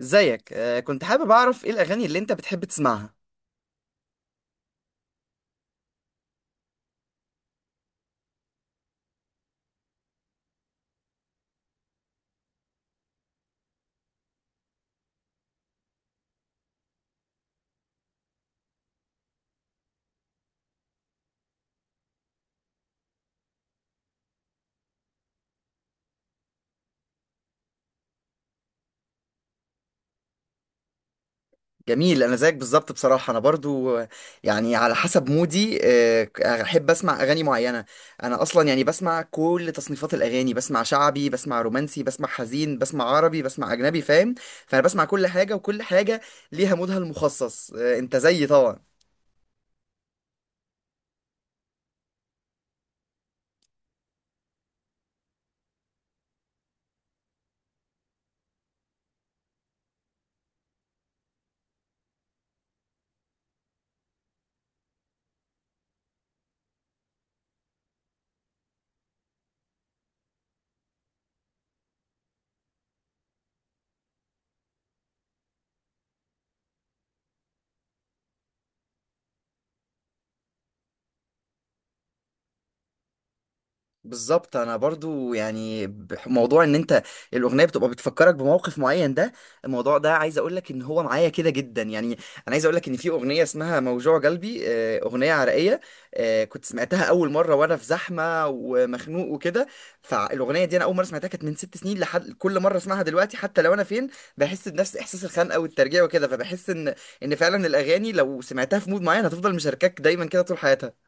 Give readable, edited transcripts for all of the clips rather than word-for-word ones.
ازيك، كنت حابب اعرف ايه الاغاني اللي انت بتحب تسمعها. جميل، انا زيك بالظبط. بصراحه انا برضو يعني على حسب مودي احب اسمع اغاني معينه. انا اصلا يعني بسمع كل تصنيفات الاغاني، بسمع شعبي، بسمع رومانسي، بسمع حزين، بسمع عربي، بسمع اجنبي، فاهم؟ فانا بسمع كل حاجه، وكل حاجه ليها مودها المخصص. انت زيي طبعا. بالظبط، انا برضو يعني موضوع ان انت الاغنيه بتبقى بتفكرك بموقف معين، ده الموضوع ده عايز اقول لك ان هو معايا كده جدا. يعني انا عايز اقول لك ان في اغنيه اسمها موجوع قلبي، اغنيه عراقيه. كنت سمعتها اول مره وانا في زحمه ومخنوق وكده. فالاغنيه دي انا اول مره سمعتها كانت من 6 سنين، لحد كل مره اسمعها دلوقتي حتى لو انا فين بحس بنفس احساس الخنقه والترجيع وكده، فبحس ان فعلا الاغاني لو سمعتها في مود معين هتفضل مشاركاك دايما كده طول حياتها.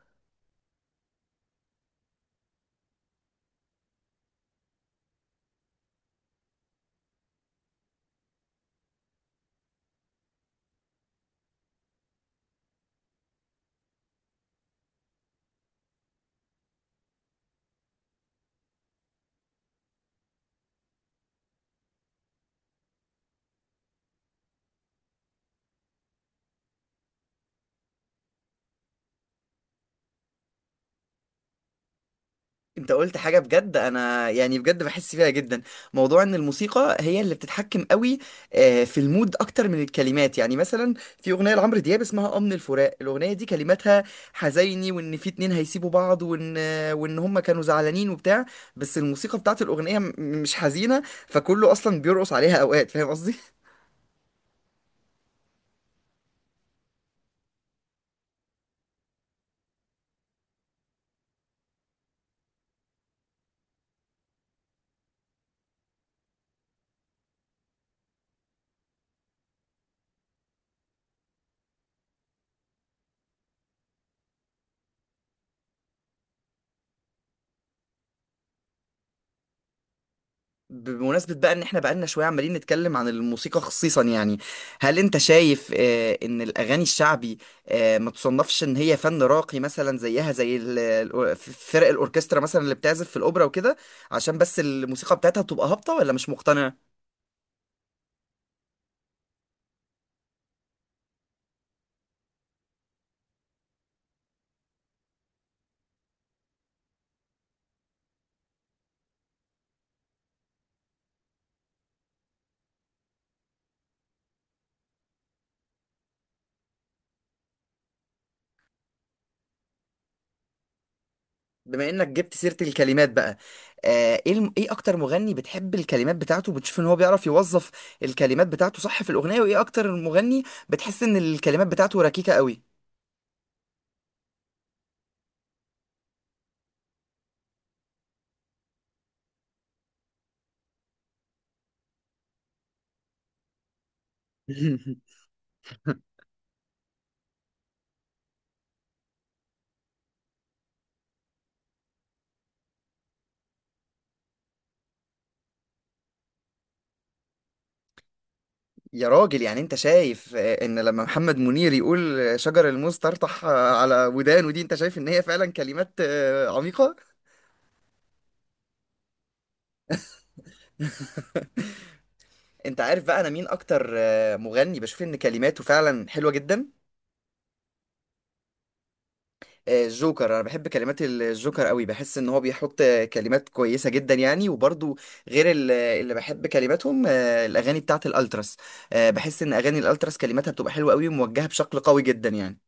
انت قلت حاجة بجد، انا يعني بجد بحس فيها جدا موضوع ان الموسيقى هي اللي بتتحكم قوي في المود اكتر من الكلمات. يعني مثلا في اغنية لعمرو دياب اسمها امن الفراق، الاغنية دي كلماتها حزيني، وان في اتنين هيسيبوا بعض، وان هما كانوا زعلانين وبتاع. بس الموسيقى بتاعت الاغنية مش حزينة، فكله اصلا بيرقص عليها اوقات، فاهم قصدي؟ بمناسبة بقى ان احنا بقالنا شوية عمالين نتكلم عن الموسيقى خصيصا، يعني هل انت شايف ان الاغاني الشعبي ما تصنفش ان هي فن راقي، مثلا زيها زي فرق الاوركسترا مثلا اللي بتعزف في الاوبرا وكده، عشان بس الموسيقى بتاعتها بتبقى هابطة، ولا مش مقتنع؟ بما انك جبت سيرة الكلمات بقى، ايه ايه اكتر مغني بتحب الكلمات بتاعته؟ بتشوف ان هو بيعرف يوظف الكلمات بتاعته صح في الاغنية؟ وايه اكتر مغني بتحس ان الكلمات بتاعته ركيكة قوي؟ يا راجل، يعني انت شايف ان لما محمد منير يقول شجر الموز طرطح على ودانه دي، انت شايف ان هي فعلا كلمات عميقة؟ انت عارف بقى انا مين اكتر مغني بشوف ان كلماته فعلا حلوة جدا؟ الجوكر. انا بحب كلمات الجوكر قوي، بحس ان هو بيحط كلمات كويسة جدا يعني. وبرضو غير اللي بحب كلماتهم الاغاني بتاعت الالتراس، بحس ان اغاني الالتراس كلماتها بتبقى حلوة قوي وموجهة بشكل قوي جدا يعني.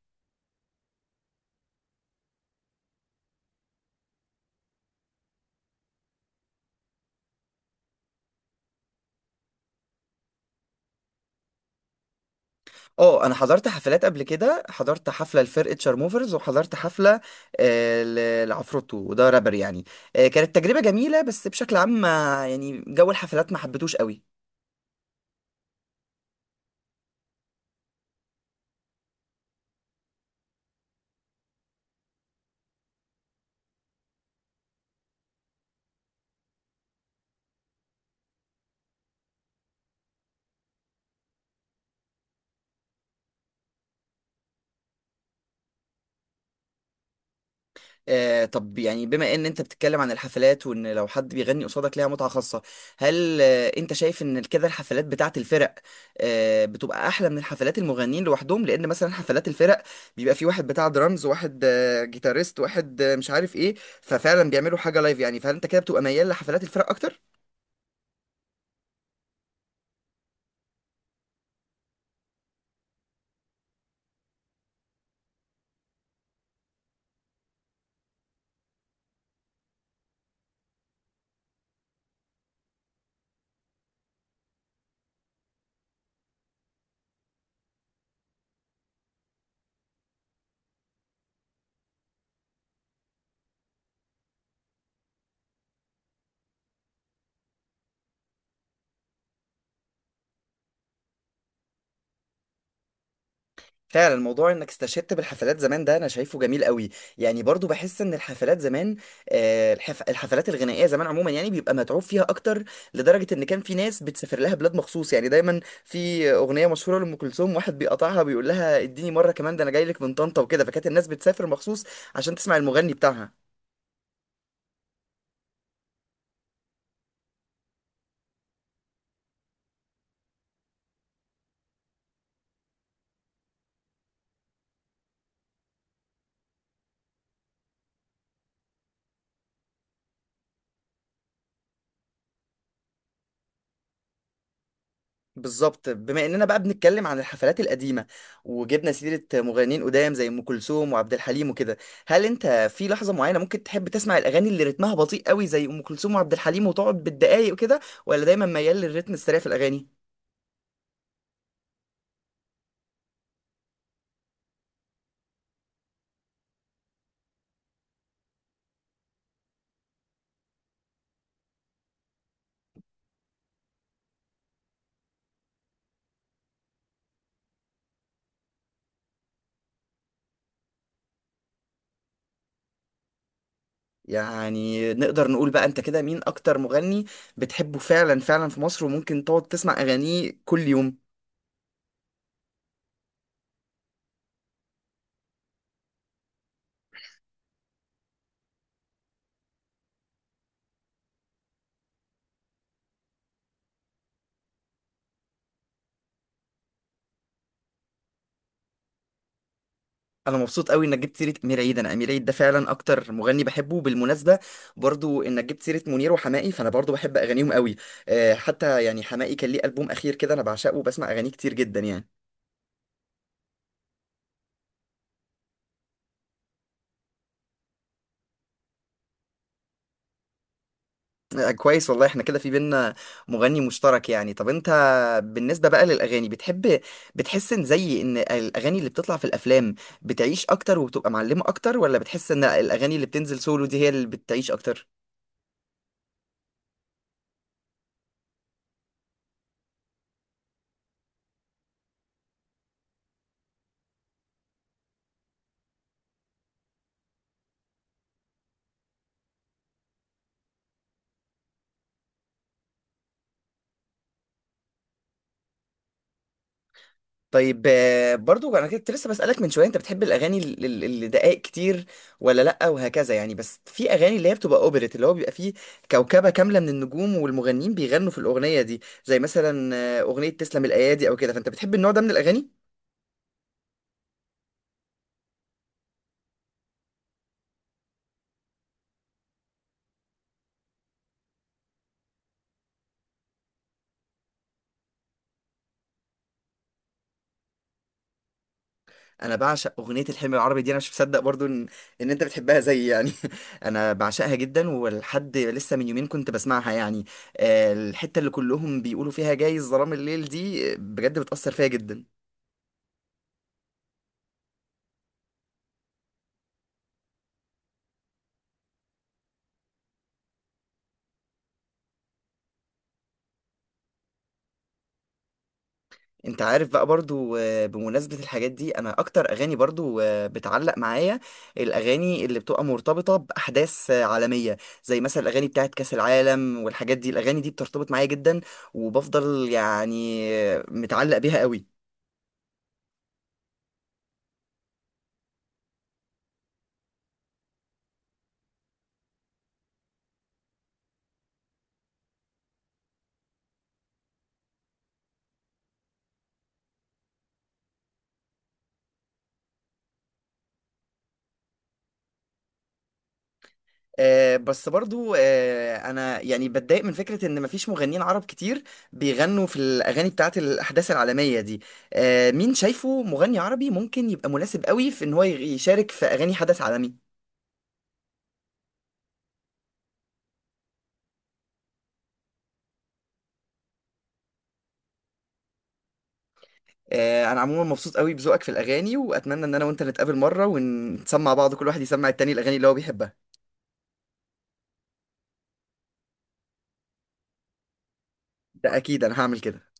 اه، انا حضرت حفلات قبل كده، حضرت حفله لفرقه شارموفرز، وحضرت حفله آه، لعفروتو، وده رابر يعني. كانت تجربه جميله، بس بشكل عام يعني جو الحفلات ما حبيتوش قوي. طب يعني بما ان انت بتتكلم عن الحفلات وان لو حد بيغني قصادك ليها متعة خاصة، هل انت شايف ان كده الحفلات بتاعت الفرق بتبقى احلى من حفلات المغنيين لوحدهم؟ لان مثلا حفلات الفرق بيبقى في واحد بتاع درامز، واحد جيتاريست، واحد مش عارف ايه، ففعلا بيعملوا حاجة لايف يعني، فهل انت كده بتبقى ميال لحفلات الفرق اكتر؟ فعلا الموضوع انك استشهدت بالحفلات زمان ده انا شايفه جميل قوي، يعني برضو بحس ان الحفلات زمان، الحفلات الغنائيه زمان عموما يعني بيبقى متعوب فيها اكتر، لدرجه ان كان في ناس بتسافر لها بلاد مخصوص، يعني دايما في اغنيه مشهوره لام كلثوم واحد بيقطعها بيقول لها اديني مره كمان، ده انا جاي لك من طنطا وكده، فكانت الناس بتسافر مخصوص عشان تسمع المغني بتاعها. بالظبط، بما اننا بقى بنتكلم عن الحفلات القديمه وجبنا سيره مغنيين قدام زي ام كلثوم وعبد الحليم وكده، هل انت في لحظه معينه ممكن تحب تسمع الاغاني اللي رتمها بطيء قوي زي ام كلثوم وعبد الحليم وتقعد بالدقايق وكده، ولا دايما ميال للرتم السريع في الاغاني؟ يعني نقدر نقول بقى انت كده مين اكتر مغني بتحبه فعلا فعلا في مصر وممكن تقعد تسمع اغانيه كل يوم؟ انا مبسوط قوي انك جبت سيره امير عيد، انا امير عيد ده فعلا اكتر مغني بحبه بالمناسبه. برضو انك جبت سيره منير وحماقي، فانا برضو بحب اغانيهم قوي. حتى يعني حماقي كان ليه البوم اخير كده انا بعشقه وبسمع اغانيه كتير جدا يعني. كويس، والله احنا كده في بينا مغني مشترك يعني. طب انت بالنسبه بقى للاغاني بتحس ان زي ان الاغاني اللي بتطلع في الافلام بتعيش اكتر وبتبقى معلمه اكتر، ولا بتحس ان الاغاني اللي بتنزل سولو دي هي اللي بتعيش اكتر؟ طيب، برضو انا كنت لسه بسألك من شوية، انت بتحب الاغاني اللي دقائق كتير، ولا لا وهكذا يعني؟ بس في اغاني اللي هي بتبقى اوبريت اللي هو بيبقى فيه كوكبة كاملة من النجوم والمغنيين بيغنوا في الاغنية دي زي مثلا اغنية تسلم الايادي او كده، فانت بتحب النوع ده من الاغاني؟ انا بعشق اغنية الحلم العربي دي، انا مش مصدق برضو ان انت بتحبها زي يعني. انا بعشقها جدا، ولحد لسه من يومين كنت بسمعها يعني. الحتة اللي كلهم بيقولوا فيها جاي ظلام الليل دي بجد بتأثر فيها جدا. انت عارف بقى برضو، بمناسبة الحاجات دي انا اكتر اغاني برضو بتعلق معايا، الاغاني اللي بتبقى مرتبطة باحداث عالمية زي مثلا الاغاني بتاعت كاس العالم والحاجات دي، الاغاني دي بترتبط معايا جدا، وبفضل يعني متعلق بيها قوي. بس برضو انا يعني بتضايق من فكرة ان مفيش مغنيين عرب كتير بيغنوا في الاغاني بتاعت الاحداث العالمية دي. مين شايفه مغني عربي ممكن يبقى مناسب قوي في ان هو يشارك في اغاني حدث عالمي؟ انا عموما مبسوط قوي بذوقك في الاغاني، واتمنى ان انا وانت نتقابل مره ونسمع بعض كل واحد يسمع التاني الاغاني اللي هو بيحبها. ده اكيد انا هعمل كده.